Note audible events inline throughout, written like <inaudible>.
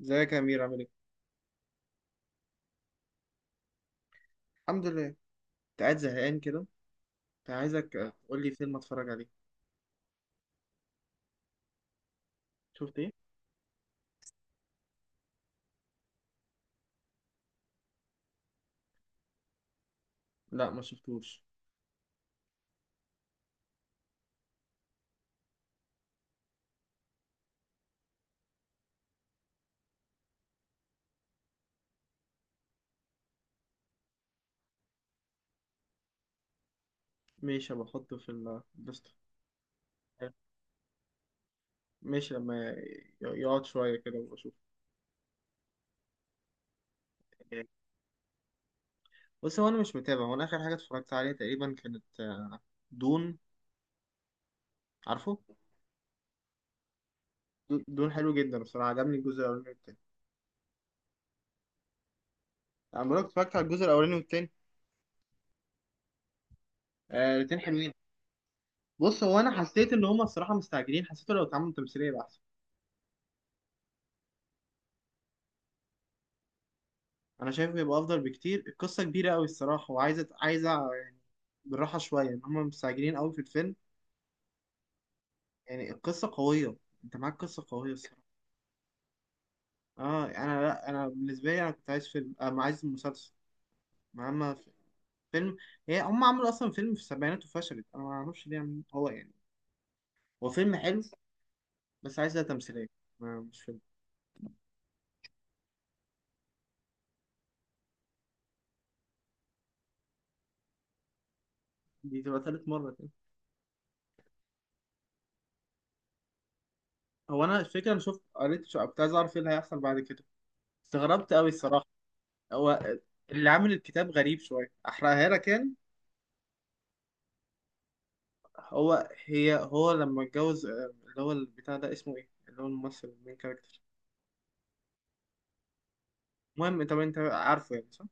ازيك يا امير، عامل ايه؟ الحمد لله. كنت قاعد زهقان كده، كنت عايزك تقول لي فيلم اتفرج عليه. شفت ايه؟ لا، ما شفتوش. ماشي، بحطه في الليست. ماشي، لما يقعد شويه كده واشوف. بص، هو انا مش متابع. هو انا اخر حاجه اتفرجت عليها تقريبا كانت، دون. عارفه؟ دون حلو جدا بصراحه. عجبني الجزء الاولاني والتاني. انا بقولك اتفرجت على الجزء الاولاني والتاني. آه، الاتنين حلوين. بص، هو انا حسيت ان هما الصراحه مستعجلين. حسيت لو اتعملوا تمثيليه يبقى احسن. انا شايف بيبقى افضل بكتير. القصه كبيره قوي الصراحه، وعايزه يعني بالراحه شويه. ان هم مستعجلين قوي في الفيلم. يعني القصه قويه. انت معاك قصه قويه الصراحه. اه، انا لا انا بالنسبه لي انا كنت عايز فيلم، ما عايز مسلسل. ما اما في- فيلم. هم عملوا اصلا فيلم في السبعينات وفشلت. انا ما اعرفش ليه هو يعني هو فيلم حلو، بس عايزها تمثيليه. ما مش فيلم. دي تبقى تالت مره كده. هو انا الفكره انا شفت، كنت عايز اعرف ايه اللي هيحصل بعد كده. استغربت قوي الصراحه. هو اللي عامل الكتاب غريب شوية. أحرقها لك يعني. هو لما اتجوز، اللي هو البتاع ده اسمه إيه؟ اللي هو الممثل المين كاركتر. المهم، طب أنت عارفه يعني، صح؟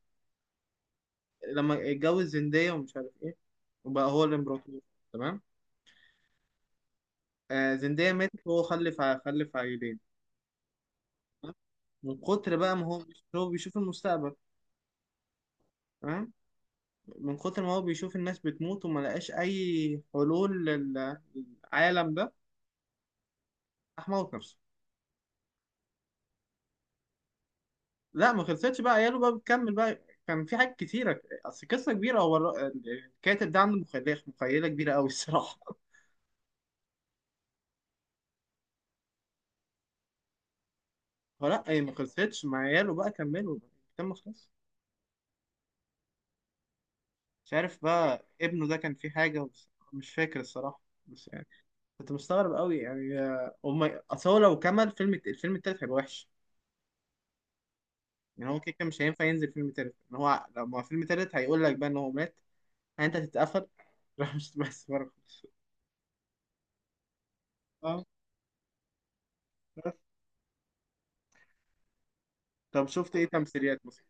لما اتجوز زندية ومش عارف إيه، وبقى هو الإمبراطور. تمام؟ آه، زندية ماتت وهو خلف خلف عيلين. تمام؟ من كتر بقى ما هو، هو بيشوف المستقبل. تمام؟ من كتر ما هو بيشوف الناس بتموت وما لقاش أي حلول للعالم ده، راح موت نفسه. لا، ما خلصتش، بقى عياله بقى بتكمل بقى. كان في حاجات كتيرة، أصل قصة كبيرة. هو الكاتب ده عنده مخيلة كبيرة أوي الصراحة. <laughs> فلا، هي ما خلصتش، مع عياله بقى كملوا بقى. كان ما خلصش. مش عارف بقى ابنه ده كان فيه حاجة بس مش فاكر الصراحة، بس يعني كنت مستغرب أوي يعني. هما أصل هو لو كمل فيلم، الفيلم التالت هيبقى وحش. يعني هو كده كده مش هينفع ينزل فيلم تالت. إن هو لو فيلم تالت، هيقول لك بقى إن هو مات. يعني أنت تتقفل. <laughs> راح، مش بس بره خالص. اه، بس. طب شفت إيه تمثيليات مثلا؟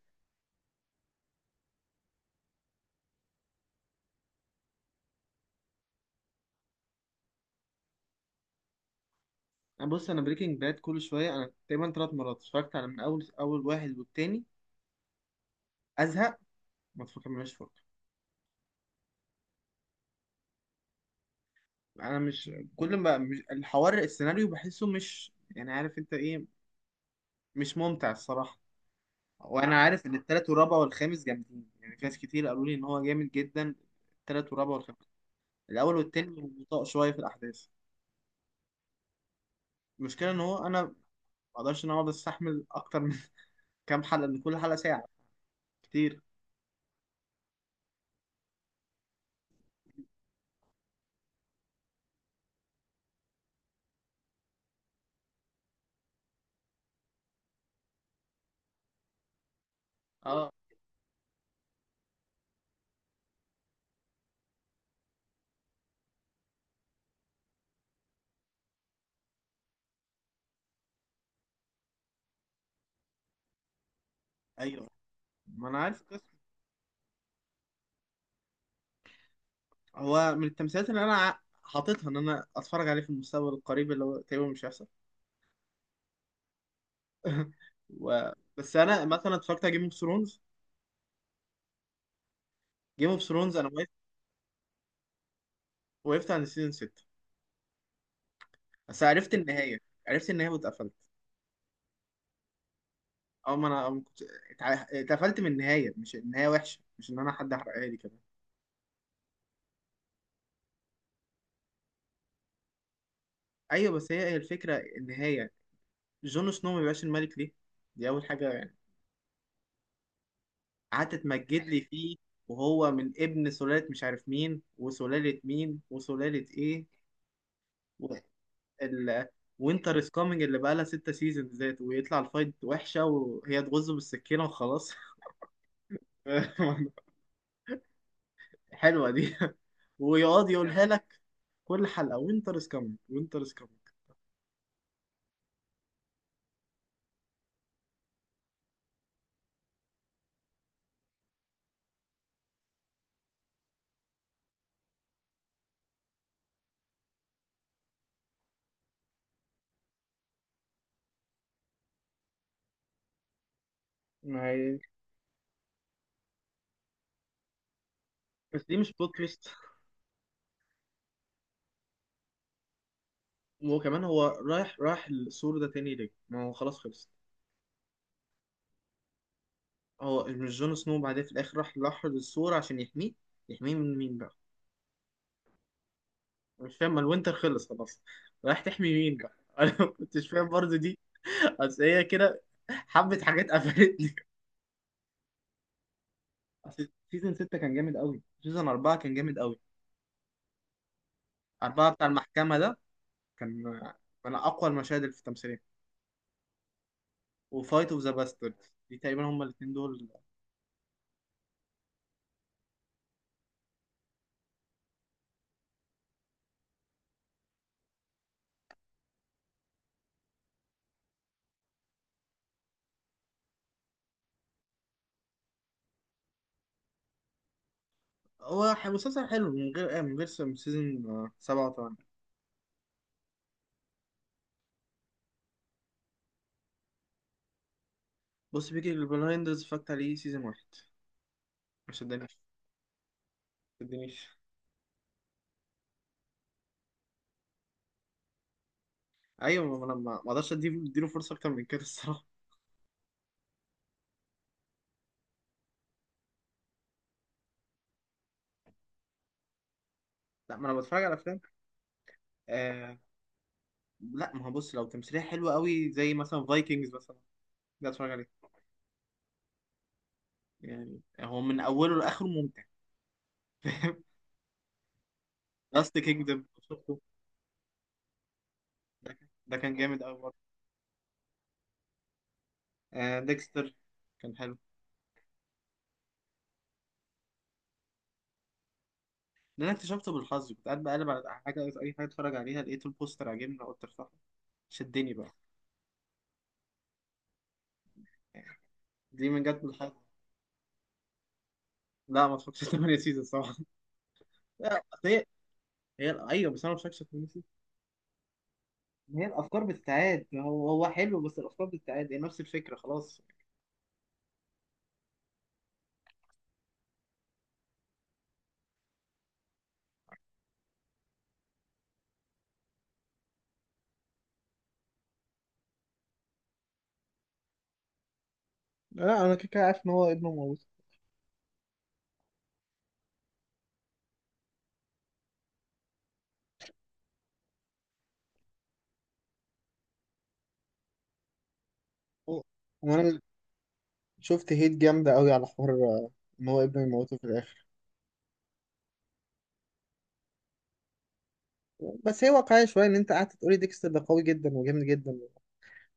أنا بص، انا بريكنج باد كل شويه انا تقريبا ثلاث مرات اتفرجت على، من اول واحد والتاني ازهق، ما اتفرجش فرق. انا مش كل ما، مش الحوار، السيناريو بحسه مش، يعني عارف انت ايه، مش ممتع الصراحه. وانا عارف ان التالت والرابع والخامس جامدين. يعني في ناس كتير قالوا لي ان هو جامد جدا، التالت والرابع والخامس. الاول والتاني بطيء شويه في الاحداث. المشكله ان هو انا ما اقدرش ان أنا اقعد استحمل اكتر من <laughs> كام حلقه، لان كل حلقه ساعه، كتير. اه، ايوه، ما انا عارف. هو من التمثيلات اللي انا حاططها ان انا اتفرج عليه في المستقبل القريب، اللي هو تقريبا مش هيحصل. <laughs> و... بس انا مثلا اتفرجت على جيم اوف ثرونز. جيم اوف ثرونز انا وقفت، وقفت عند سيزون 6. بس عرفت النهايه، واتقفلت او، ما انا ما كنت اتقفلت من النهايه. مش النهايه وحشه، مش ان انا حد حرقها لي كمان. ايوه بس هي، الفكره النهايه، جون سنو ما بيبقاش الملك ليه. دي اول حاجه يعني. قعدت تمجد لي فيه، وهو من ابن سلاله مش عارف مين، وسلاله مين، وسلاله ايه. وينتر از كامينج اللي بقى لها ستة سيزون ذات، ويطلع الفايت وحشة وهي تغزه بالسكينة وخلاص. <laughs> حلوة دي. ويقعد يقولها لك كل حلقة: وينتر از كامينج، وينتر از كامينج. ما هي، بس دي مش بلوت تويست. وكمان هو رايح، راح السور ده تاني ليه؟ ما هو خلاص خلص. هو مش جون سنو بعدين في الآخر راح لحر السور عشان يحميه؟ يحميه من مين بقى؟ مش فاهم. ما الوينتر خلص خلاص، رايح تحمي مين بقى؟ <laughs> أنا ما كنتش فاهم برضه دي. بس هي كده حبة حاجات قفلتني. اصل سيزون 6 كان جامد قوي، سيزون 4 كان جامد قوي. 4 بتاع المحكمة ده كان من اقوى المشاهد اللي في التمثيلية. وفايت اوف ذا باسترد، دي تقريبا هما الاثنين دول. هو مسلسل حلو من غير، سيزون 7 و8. بص، بيجي البلايندرز اتفرجت عليه سيزون واحد، ما شدنيش. ما شدنيش ايوه، ما انا ما اقدرش اديله فرصه اكتر من كده الصراحه. لا، ما انا بتفرج على افلام. آه، لا ما هو بص، لو تمثيليه حلوه قوي زي مثلا فايكنجز مثلا، ده اتفرج عليه. يعني هو من اوله لاخره ممتع. <laughs> لاست كينجدم شفته. ده كان، ده كان جامد قوي برضه. آه، ديكستر كان حلو. ده انا اكتشفته بالحظ. كنت قاعد بقلب على حاجه، اي حاجه اتفرج عليها، لقيت البوستر عاجبني قلت ارفعه. شدني بقى، يعني دي من جت بالحظ. لا، ما اتفرجتش 8 سيزون صراحه. لا، أصل هي، ايوه، بس انا ما اتفرجتش 8 سيزون. هي الافكار بتتعاد. ما هو، حلو بس الافكار بتتعاد، هي نفس الفكره خلاص. لا، انا كده كده عارف ان هو ابنه موته. هو- وانا شفت هيت جامده قوي على حوار، ان هو ابنه يموته في الاخر. بس هي واقعية شوية، إن أنت قعدت تقولي ديكستر ده قوي جدا وجامد جدا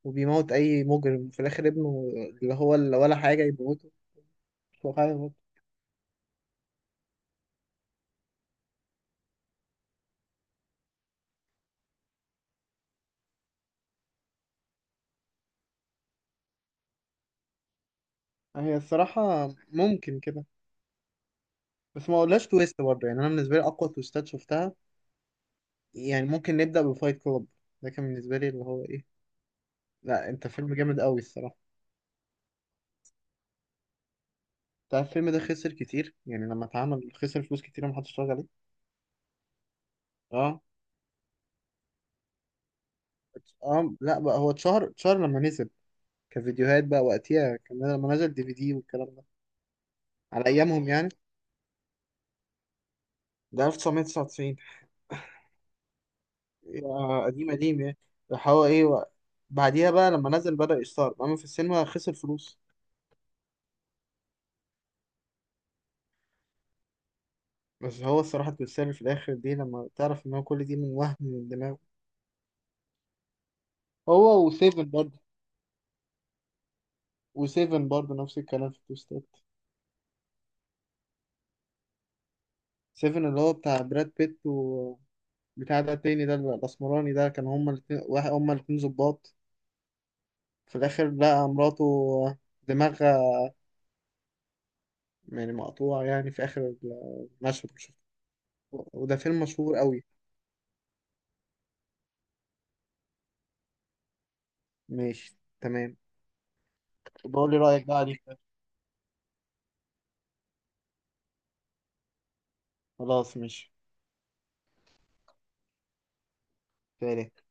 وبيموت أي مجرم، في الآخر ابنه اللي هو اللي ولا حاجة يموته. مش واقعية برضه. هي الصراحة ممكن كده، بس ما اقولهاش تويست برضه. يعني أنا بالنسبة لي أقوى تويستات شفتها، يعني ممكن نبدأ بفايت كلوب. ده كان بالنسبة لي اللي هو إيه، لا، أنت فيلم جامد قوي الصراحة. أنت عارف الفيلم ده خسر كتير يعني؟ لما اتعمل خسر فلوس كتير، محدش اتفرج عليه. أه. أه، لا بقى، هو اتشهر لما نزل كفيديوهات بقى، وقتها كمان لما نزل دي في دي والكلام ده. على أيامهم يعني، ده 1999. يا قديم، قديم يعني. راح هو ايه و... بعديها بقى لما نزل بدأ يستعرض، اما في السينما خسر فلوس. بس هو الصراحة اتمثل في الآخر دي، لما تعرف إن هو كل دي من وهم من دماغه. هو، وسيفن برضه. وسيفن برضه نفس الكلام في التوستات. سيفن اللي هو بتاع براد بيت، و بتاع ده التاني، ده الأسمراني ده، كان هما الاتنين واحد. هما الاتنين ظباط، في الآخر لقى مراته دماغها يعني مقطوعة يعني، في آخر المشهد. وده فيلم مشهور أوي. ماشي، تمام. بقول لي رأيك بقى عليك. خلاص، ماشي. سلام.